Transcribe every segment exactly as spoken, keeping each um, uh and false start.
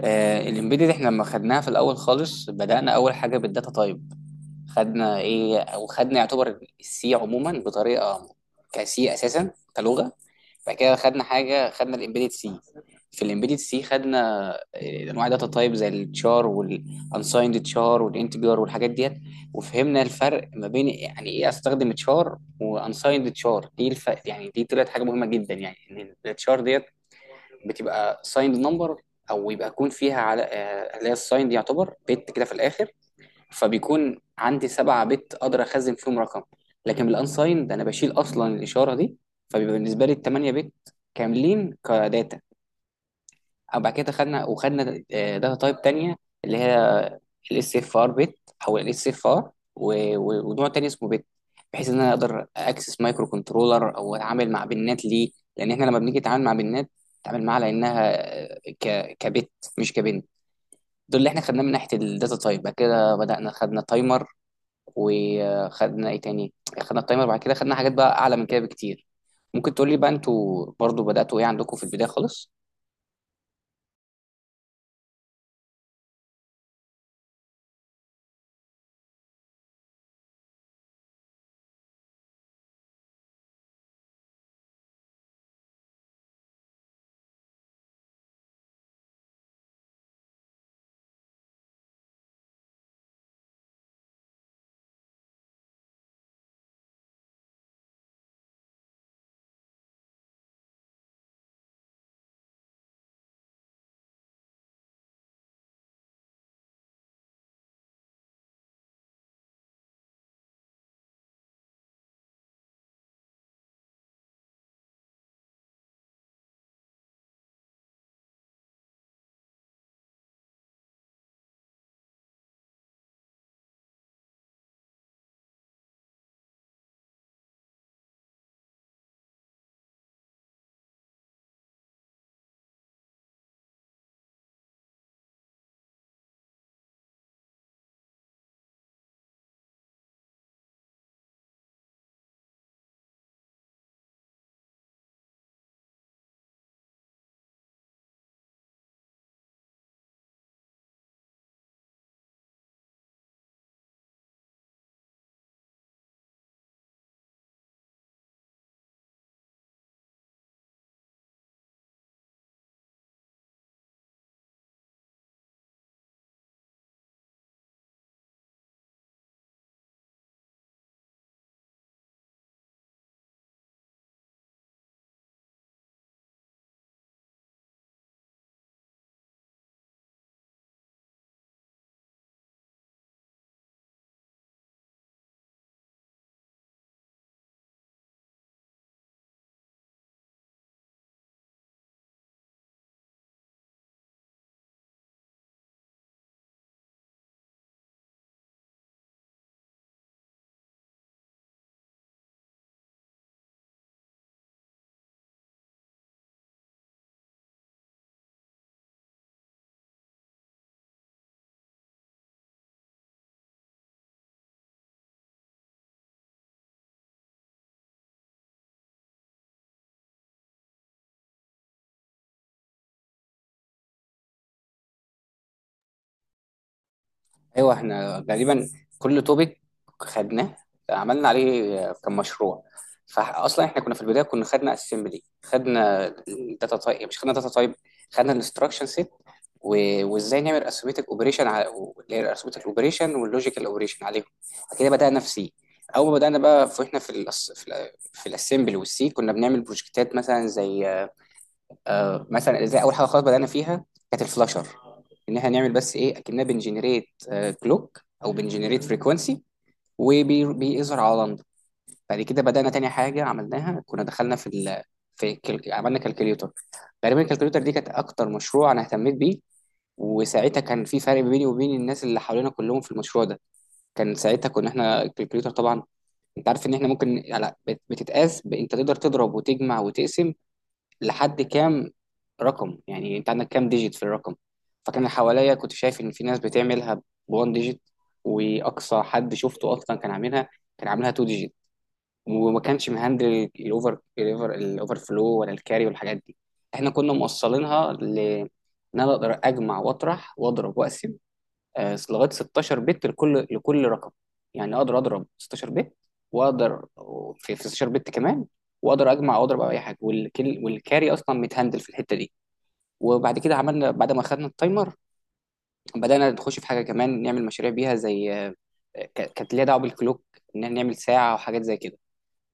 آه الامبيدد، احنا لما خدناها في الاول خالص بدأنا اول حاجه بالداتا تايب. خدنا ايه او خدنا يعتبر السي عموما بطريقه كسي اساسا كلغه. بعد كده خدنا حاجه، خدنا الامبيدد سي. في الامبيدد سي خدنا آه، انواع داتا تايب زي التشار والانسايند تشار والانتجر والحاجات ديت. وفهمنا الفرق ما بين يعني ايه استخدم تشار وانسايند تشار. دي الف... يعني دي طلعت حاجه مهمه جدا، يعني ان التشار ديت بتبقى سايند نمبر، او يبقى يكون فيها على آه، اللي هي السايند، يعتبر بت كده في الاخر. فبيكون عندي سبعة بت اقدر اخزن فيهم رقم، لكن بالانسايند انا بشيل اصلا الاشاره دي، فبيبقى بالنسبه لي الثمانية بت كاملين كداتا. وبعد كده خدنا وخدنا داتا تايب تانية، اللي هي الاس اف ار بت، او الاس اف ار ونوع تاني اسمه بت، بحيث ان انا اقدر اكسس مايكرو كنترولر او اتعامل مع بنات ليه. لان احنا لما بنيجي نتعامل مع بنات، نتعامل معاها لانها آه، ك كبت، مش كبنت. دول اللي احنا خدناه من ناحيه الداتا تايب. بعد كده بدانا خدنا تايمر، وخدنا ايه تاني، خدنا التايمر. بعد كده خدنا حاجات بقى اعلى من كده بكتير. ممكن تقول لي بقى انتوا برضو بداتوا ايه عندكم في البدايه خالص؟ ايوه، احنا غالبا كل توبيك خدناه عملنا عليه كمشروع. فاصلا احنا كنا في البدايه كنا خدنا اسمبلي، خدنا الداتا تايب مش خدنا داتا تايب، خدنا الانستراكشن سيت، وازاي نعمل اسيمتك اوبريشن على اسيمتك اوبريشن واللوجيكال اوبريشن عليهم. بعد كده بدانا في سي. اول ما بدانا بقى، فاحنا في ال في, ال في الاسمبلي والسي كنا بنعمل بروجكتات مثلا زي، آه مثلا ازاي، اول حاجه خالص بدانا فيها كانت الفلاشر، ان احنا نعمل بس ايه اكننا بنجنريت كلوك او بنجنريت فريكونسي وبيظهر على لندن. بعد كده بدانا تاني حاجه عملناها كنا دخلنا في ال... في كل... عملنا كالكوليوتر. تقريبا الكالكوليوتر دي كانت اكتر مشروع انا اهتميت بيه، وساعتها كان في فرق بيني وبين الناس اللي حوالينا كلهم في المشروع ده. كان ساعتها كنا احنا الكالكوليوتر طبعا، انت عارف ان احنا ممكن على بت- بتتقاس ب- انت تقدر تضرب وتجمع وتقسم لحد كام رقم، يعني انت عندك كام ديجيت في الرقم. فكان اللي حواليا كنت شايف ان في ناس بتعملها بوان ديجيت، واقصى حد شفته اصلا كان عاملها، كان عاملها تو ديجيت، وما كانش مهندل الاوفر الاوفر الاوفر فلو ولا الكاري والحاجات دي. احنا كنا موصلينها ل ان انا اقدر اجمع واطرح واضرب واقسم آه، لغايه ستاشر بت لكل لكل رقم. يعني اقدر اضرب ستاشر بت واقدر في في ستاشر بت كمان، واقدر اجمع واضرب او اي حاجه، والكل والكاري اصلا متهندل في الحته دي. وبعد كده عملنا، بعد ما خدنا التايمر بدانا نخش في حاجه كمان نعمل مشاريع بيها زي، آه، ك- كانت ليها دعوه بالكلوك، ان نعمل ساعه وحاجات زي كده.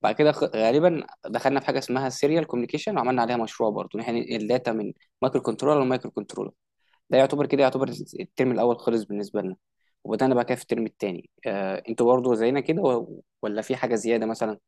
بعد كده خ- غالبا دخلنا في حاجه اسمها السيريال كوميونيكيشن وعملنا عليها مشروع برضه، ان احنا ننقل داتا من مايكرو كنترولر لمايكرو كنترولر. ده يعتبر كده يعتبر الترم الاول خلص بالنسبه لنا. وبدانا بقى كده في الترم التاني، آه انتوا برضو زينا كده و- ولا في حاجه زياده مثلا؟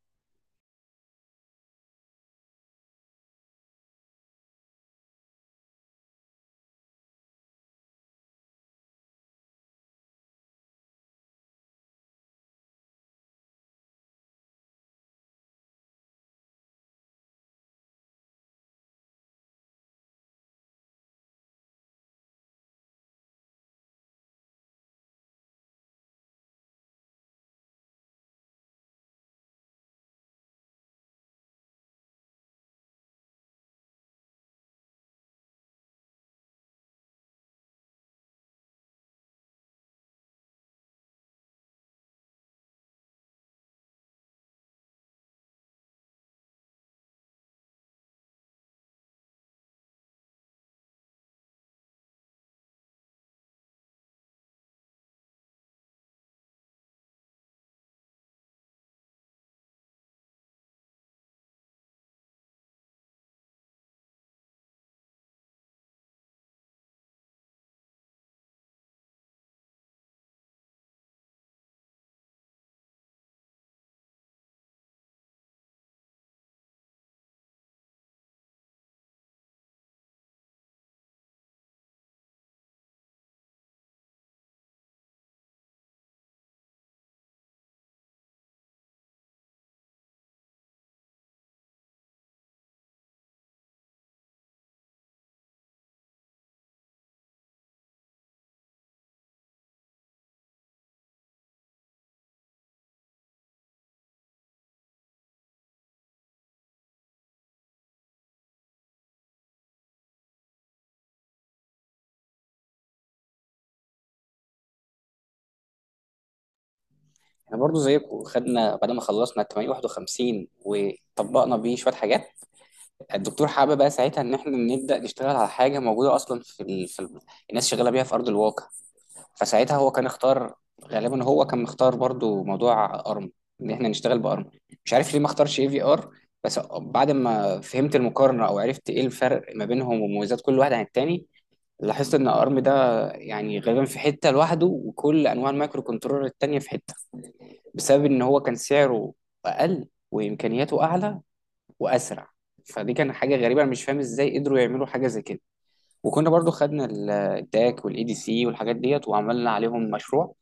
احنا برضو زيكم خدنا بعد ما خلصنا تمنمية وواحد وخمسين وطبقنا بيه شويه حاجات. الدكتور حابب بقى ساعتها ان احنا نبدا نشتغل على حاجه موجوده اصلا في, ال... في ال... الناس شغاله بيها في ارض الواقع. فساعتها هو كان اختار، غالبا هو كان مختار برضو موضوع ارم، ان احنا نشتغل بارم. مش عارف ليه ما اختارش اي في ار، بس بعد ما فهمت المقارنه او عرفت ايه الفرق ما بينهم ومميزات كل واحد عن التاني، لاحظت ان ارم ده يعني غالبا في حته لوحده وكل انواع المايكرو كنترولر التانيه في حته، بسبب ان هو كان سعره اقل وامكانياته اعلى واسرع. فدي كان حاجه غريبه، انا مش فاهم ازاي قدروا يعملوا حاجه زي كده. وكنا برضو خدنا ال- الداك والاي دي سي والحاجات ديت وعملنا عليهم مشروع،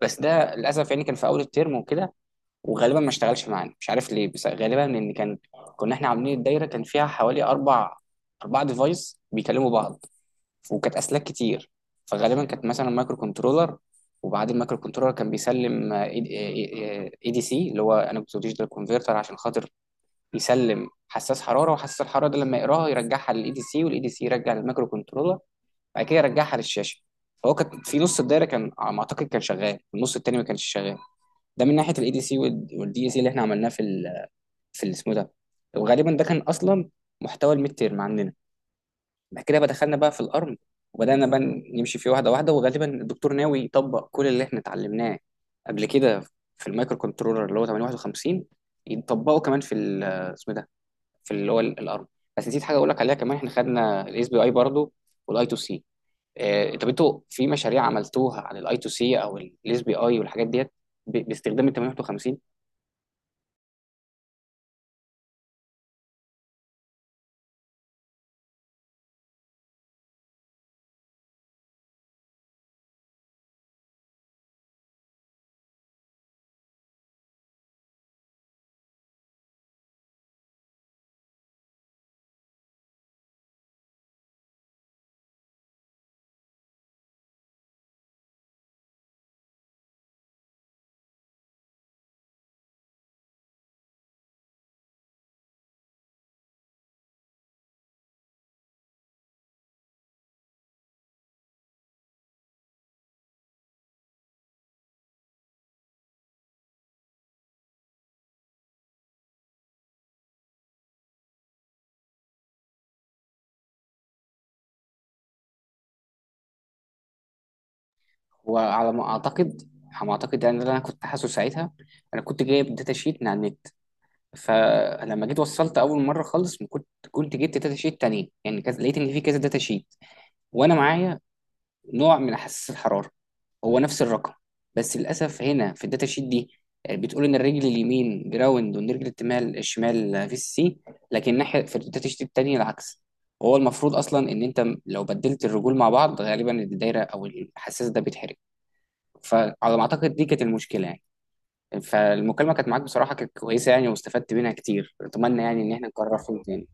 بس ده للاسف يعني كان في اول الترم وكده، وغالبا ما اشتغلش معانا مش عارف ليه. بس غالبا ان كان كنا احنا عاملين الدايره كان فيها حوالي اربع اربع ديفايس بيكلموا بعض، وكانت اسلاك كتير. فغالبا كانت مثلا مايكرو كنترولر، وبعد المايكرو كنترولر كان بيسلم اي دي سي اللي هو انا كنت ديجيتال كونفرتر، عشان خاطر يسلم حساس حراره، وحساس الحراره ده لما يقراها يرجعها للاي دي سي، والاي دي سي يرجع للمايكرو كنترولر، بعد كده يرجعها للشاشه. فهو كان في نص الدايره كان على ما اعتقد كان شغال، النص التاني ما كانش شغال. ده من ناحيه الاي دي سي والدي اي سي اللي احنا عملناه في ال في ال- اسمه ده. وغالبا ده كان اصلا محتوى الميد تيرم عندنا. بعد كده بقى دخلنا بقى في الارم، وبدانا بقى نمشي فيه واحده واحده. وغالبا الدكتور ناوي يطبق كل اللي احنا اتعلمناه قبل كده في المايكرو كنترولر اللي هو تمنمية وواحد وخمسين، يطبقه كمان في ال- اسمه ده، في اللي هو ال- الارم. بس نسيت حاجه اقول لك عليها كمان، احنا خدنا الاس بي اي برضه والاي تو سي. طب انتوا في مشاريع عملتوها عن الاي تو سي او الاس بي اي والحاجات ديت ب- باستخدام ال تمنمية وواحد وخمسين؟ وعلى ما اعتقد، على ما اعتقد يعني ده اللي انا كنت حاسه ساعتها. انا كنت جايب داتا شيت من على النت، فلما جيت وصلت اول مره خالص، ما كنت كنت جبت داتا شيت تانية يعني، كذا، لقيت ان في كذا داتا شيت. وانا معايا نوع من حساس الحراره هو نفس الرقم، بس للاسف هنا في الداتا شيت دي آه، بتقول ان الرجل اليمين جراوند والرجل الشمال، الشمال في سي. لكن ناحيه في الداتا شيت التانية العكس. هو المفروض اصلا ان انت لو بدلت الرجول مع بعض غالبا الدايره او الحساس ده بيتحرق. فعلى ما اعتقد دي كانت المشكله يعني. فالمكالمه كانت معاك بصراحه كانت كويسه يعني واستفدت منها كتير، اتمنى يعني ان احنا نكررها تاني.